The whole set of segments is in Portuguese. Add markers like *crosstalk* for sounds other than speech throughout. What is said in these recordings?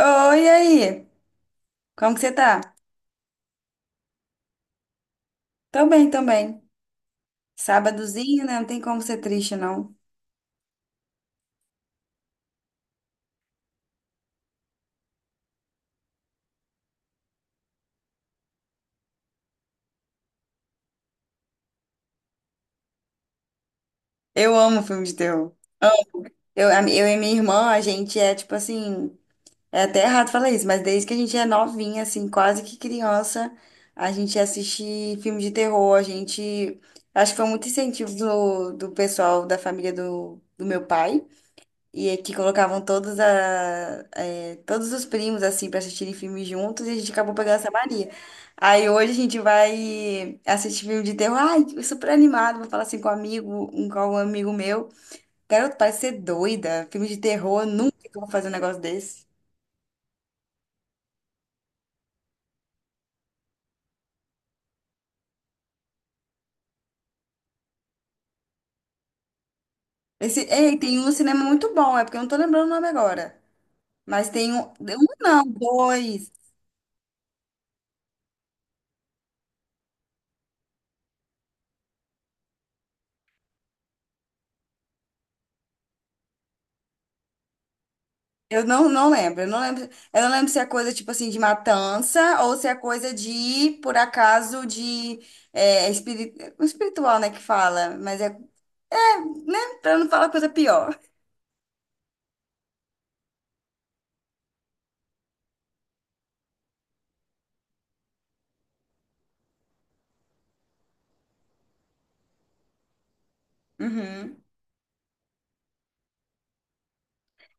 Oi, e aí? Como que você tá? Tô bem, tô bem. Sábadozinho, né? Não tem como ser triste, não. Eu amo filme de terror. Eu e minha irmã, a gente é tipo assim. É até errado falar isso, mas desde que a gente é novinha, assim, quase que criança, a gente assiste filme de terror. A gente. Acho que foi muito incentivo do pessoal da família do meu pai. E é que colocavam todos, todos os primos, assim, pra assistirem filmes juntos, e a gente acabou pegando essa mania. Aí hoje a gente vai assistir filme de terror, ai, eu super animado, vou falar assim com um amigo, com um amigo meu. Garoto, parece ser doida, filme de terror, nunca que eu vou fazer um negócio desse. Esse, ei, tem um no cinema muito bom, é porque eu não tô lembrando o nome agora. Mas tem um, um não, dois. Eu não, não lembro, eu não lembro, eu não lembro se é coisa tipo assim de matança ou se é coisa de, por acaso, de um espiritual, né, que fala, mas é, né, pra não falar coisa pior. Uhum.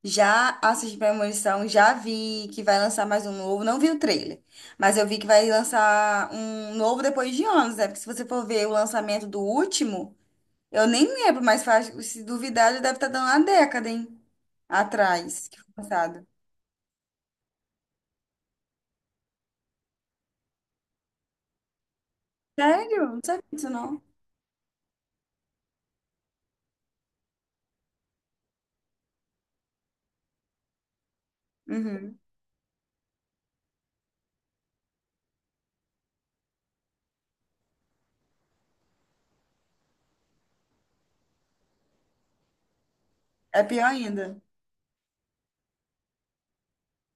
Já assisti Premonição, já vi que vai lançar mais um novo, não vi o trailer, mas eu vi que vai lançar um novo depois de anos, né, porque se você for ver o lançamento do último, eu nem lembro, mas faz, se duvidar, já deve estar dando uma década, hein, atrás, que foi lançado. Sério? Não sabia disso, não. Uhum. É pior ainda.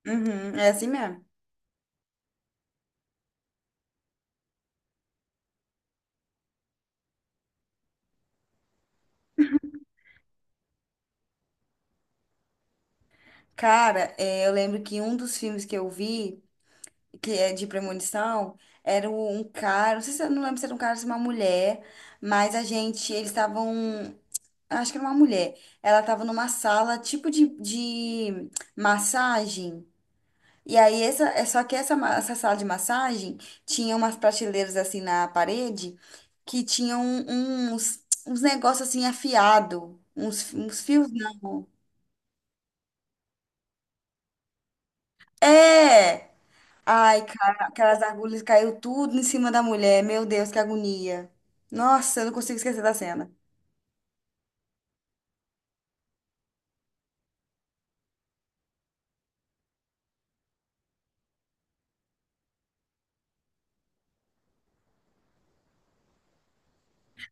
Uhum. É assim mesmo. Cara, é, eu lembro que um dos filmes que eu vi, que é de premonição, era um cara, não sei se eu não lembro se era um cara ou se uma mulher, mas a gente, eles estavam, acho que era uma mulher, ela estava numa sala tipo de massagem. E aí, essa, é só que essa, essa sala de massagem tinha umas prateleiras assim na parede que tinham uns negócios assim afiado, uns fios, não. É! Ai, cara, aquelas agulhas caiu tudo em cima da mulher. Meu Deus, que agonia. Nossa, eu não consigo esquecer da cena.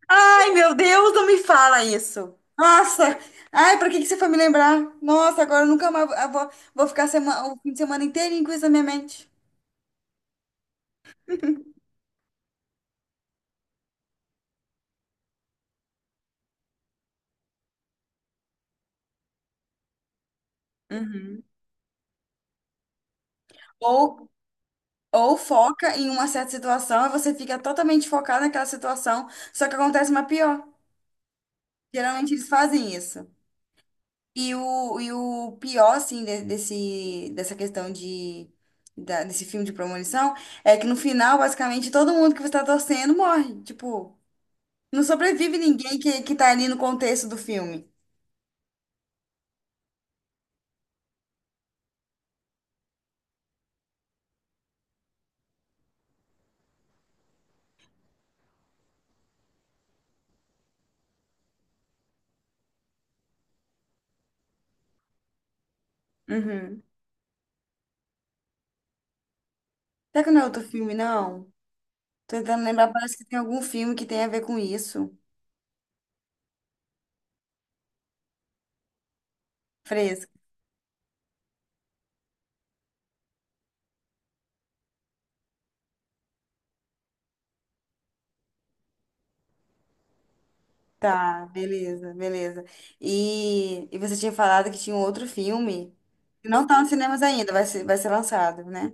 Ai, meu Deus, não me fala isso. Nossa, ai, pra que que você foi me lembrar? Nossa, agora eu nunca mais vou ficar o fim de semana inteirinho com isso na minha mente. Uhum. Ou Ou foca em uma certa situação e você fica totalmente focado naquela situação, só que acontece uma pior. Geralmente eles fazem isso. E o pior, assim, dessa questão de, desse filme de premonição é que no final, basicamente, todo mundo que você tá torcendo morre. Tipo, não sobrevive ninguém que tá ali no contexto do filme. Uhum. Será que não é outro filme, não? Tô tentando lembrar, parece que tem algum filme que tem a ver com isso. Fresco. Tá, beleza, beleza. E você tinha falado que tinha um outro filme que não tá nos cinemas ainda, vai ser lançado, né?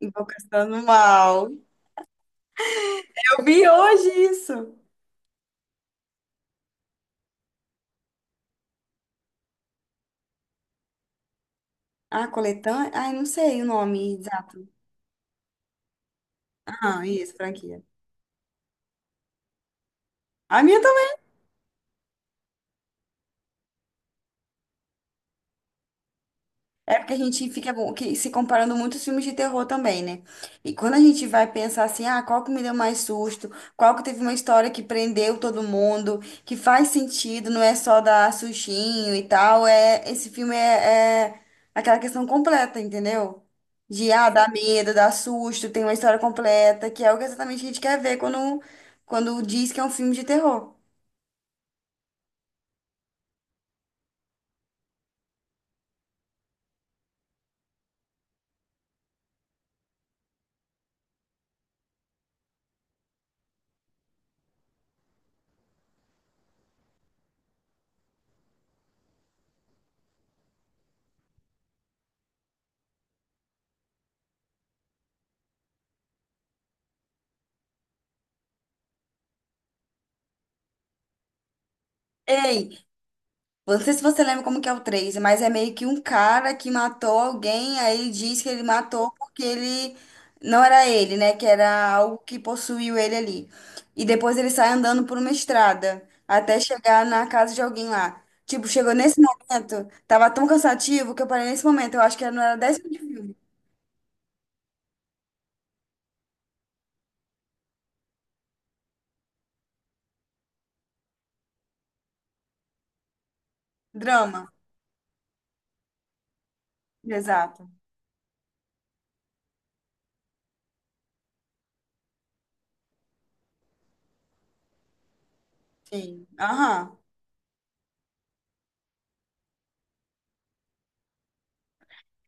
Invocação do Mal. Eu vi hoje isso. Ah, coletânea? Ai, não sei o nome exato. Ah, isso, franquia. Ai, minha. É porque a gente fica se comparando muito aos filmes de terror também, né? E quando a gente vai pensar assim, ah, qual que me deu mais susto? Qual que teve uma história que prendeu todo mundo? Que faz sentido, não é só dar sustinho e tal. É, esse filme é aquela questão completa, entendeu? De, ah, dar medo, dar susto, tem uma história completa, que é o que exatamente a gente quer ver quando diz que é um filme de terror. Ei, não sei se você lembra como que é o três, mas é meio que um cara que matou alguém, aí ele diz que ele matou porque ele não era ele, né? Que era algo que possuiu ele ali. E depois ele sai andando por uma estrada até chegar na casa de alguém lá. Tipo, chegou nesse momento, tava tão cansativo que eu parei nesse momento. Eu acho que não era dez minutos de drama. Exato. Sim. Aham.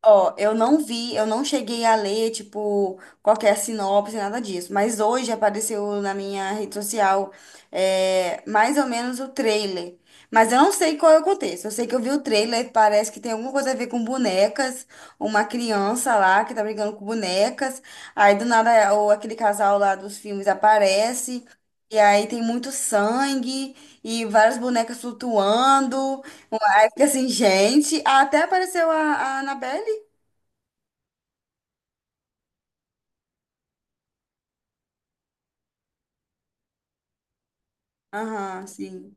Ó, eu não vi, eu não cheguei a ler, tipo, qualquer sinopse, nada disso. Mas hoje apareceu na minha rede social, mais ou menos o trailer. Mas eu não sei qual é o contexto. Eu sei que eu vi o trailer, parece que tem alguma coisa a ver com bonecas, uma criança lá que tá brincando com bonecas. Aí do nada, ou aquele casal lá dos filmes aparece. E aí tem muito sangue e várias bonecas flutuando. Aí fica assim, gente. Até apareceu a Annabelle. Aham, sim.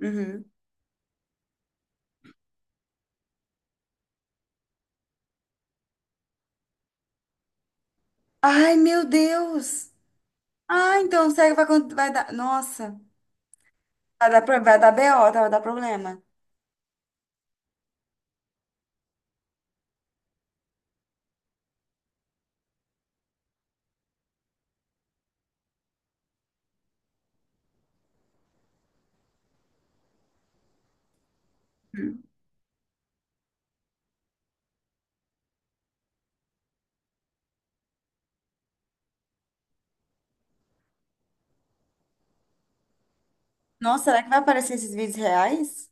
Uhum. Ai, meu Deus! Ah, então será que vai, vai dar. Nossa, vai dar, vai dar BO, tá? Vai dar problema. Hum. Nossa, será que vai aparecer esses vídeos reais?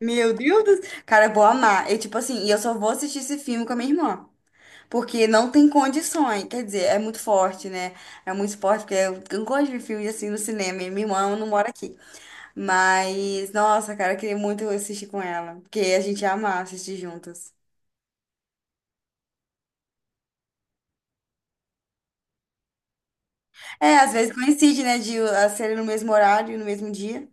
Meu Deus! Cara, eu vou amar. E tipo assim, e eu só vou assistir esse filme com a minha irmã. Porque não tem condições. Quer dizer, é muito forte, né? É muito forte, porque eu não gosto de filme assim no cinema. E minha irmã não mora aqui. Mas, nossa, cara, eu queria muito assistir com ela. Porque a gente ia amar assistir juntas. É, às vezes coincide, né, de a ser no mesmo horário, no mesmo dia.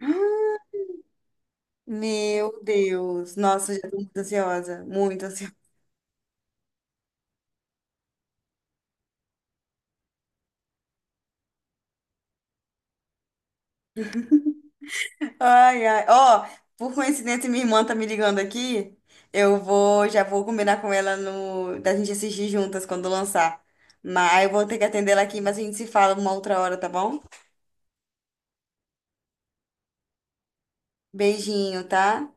Ah, meu Deus. Nossa, já tô muito ansiosa. Muito ansiosa. *laughs* Ai, ai. Ó, por coincidência, minha irmã tá me ligando aqui. Já vou combinar com ela no, da gente assistir juntas quando lançar. Mas eu vou ter que atender ela aqui, mas a gente se fala uma outra hora, tá bom? Beijinho, tá?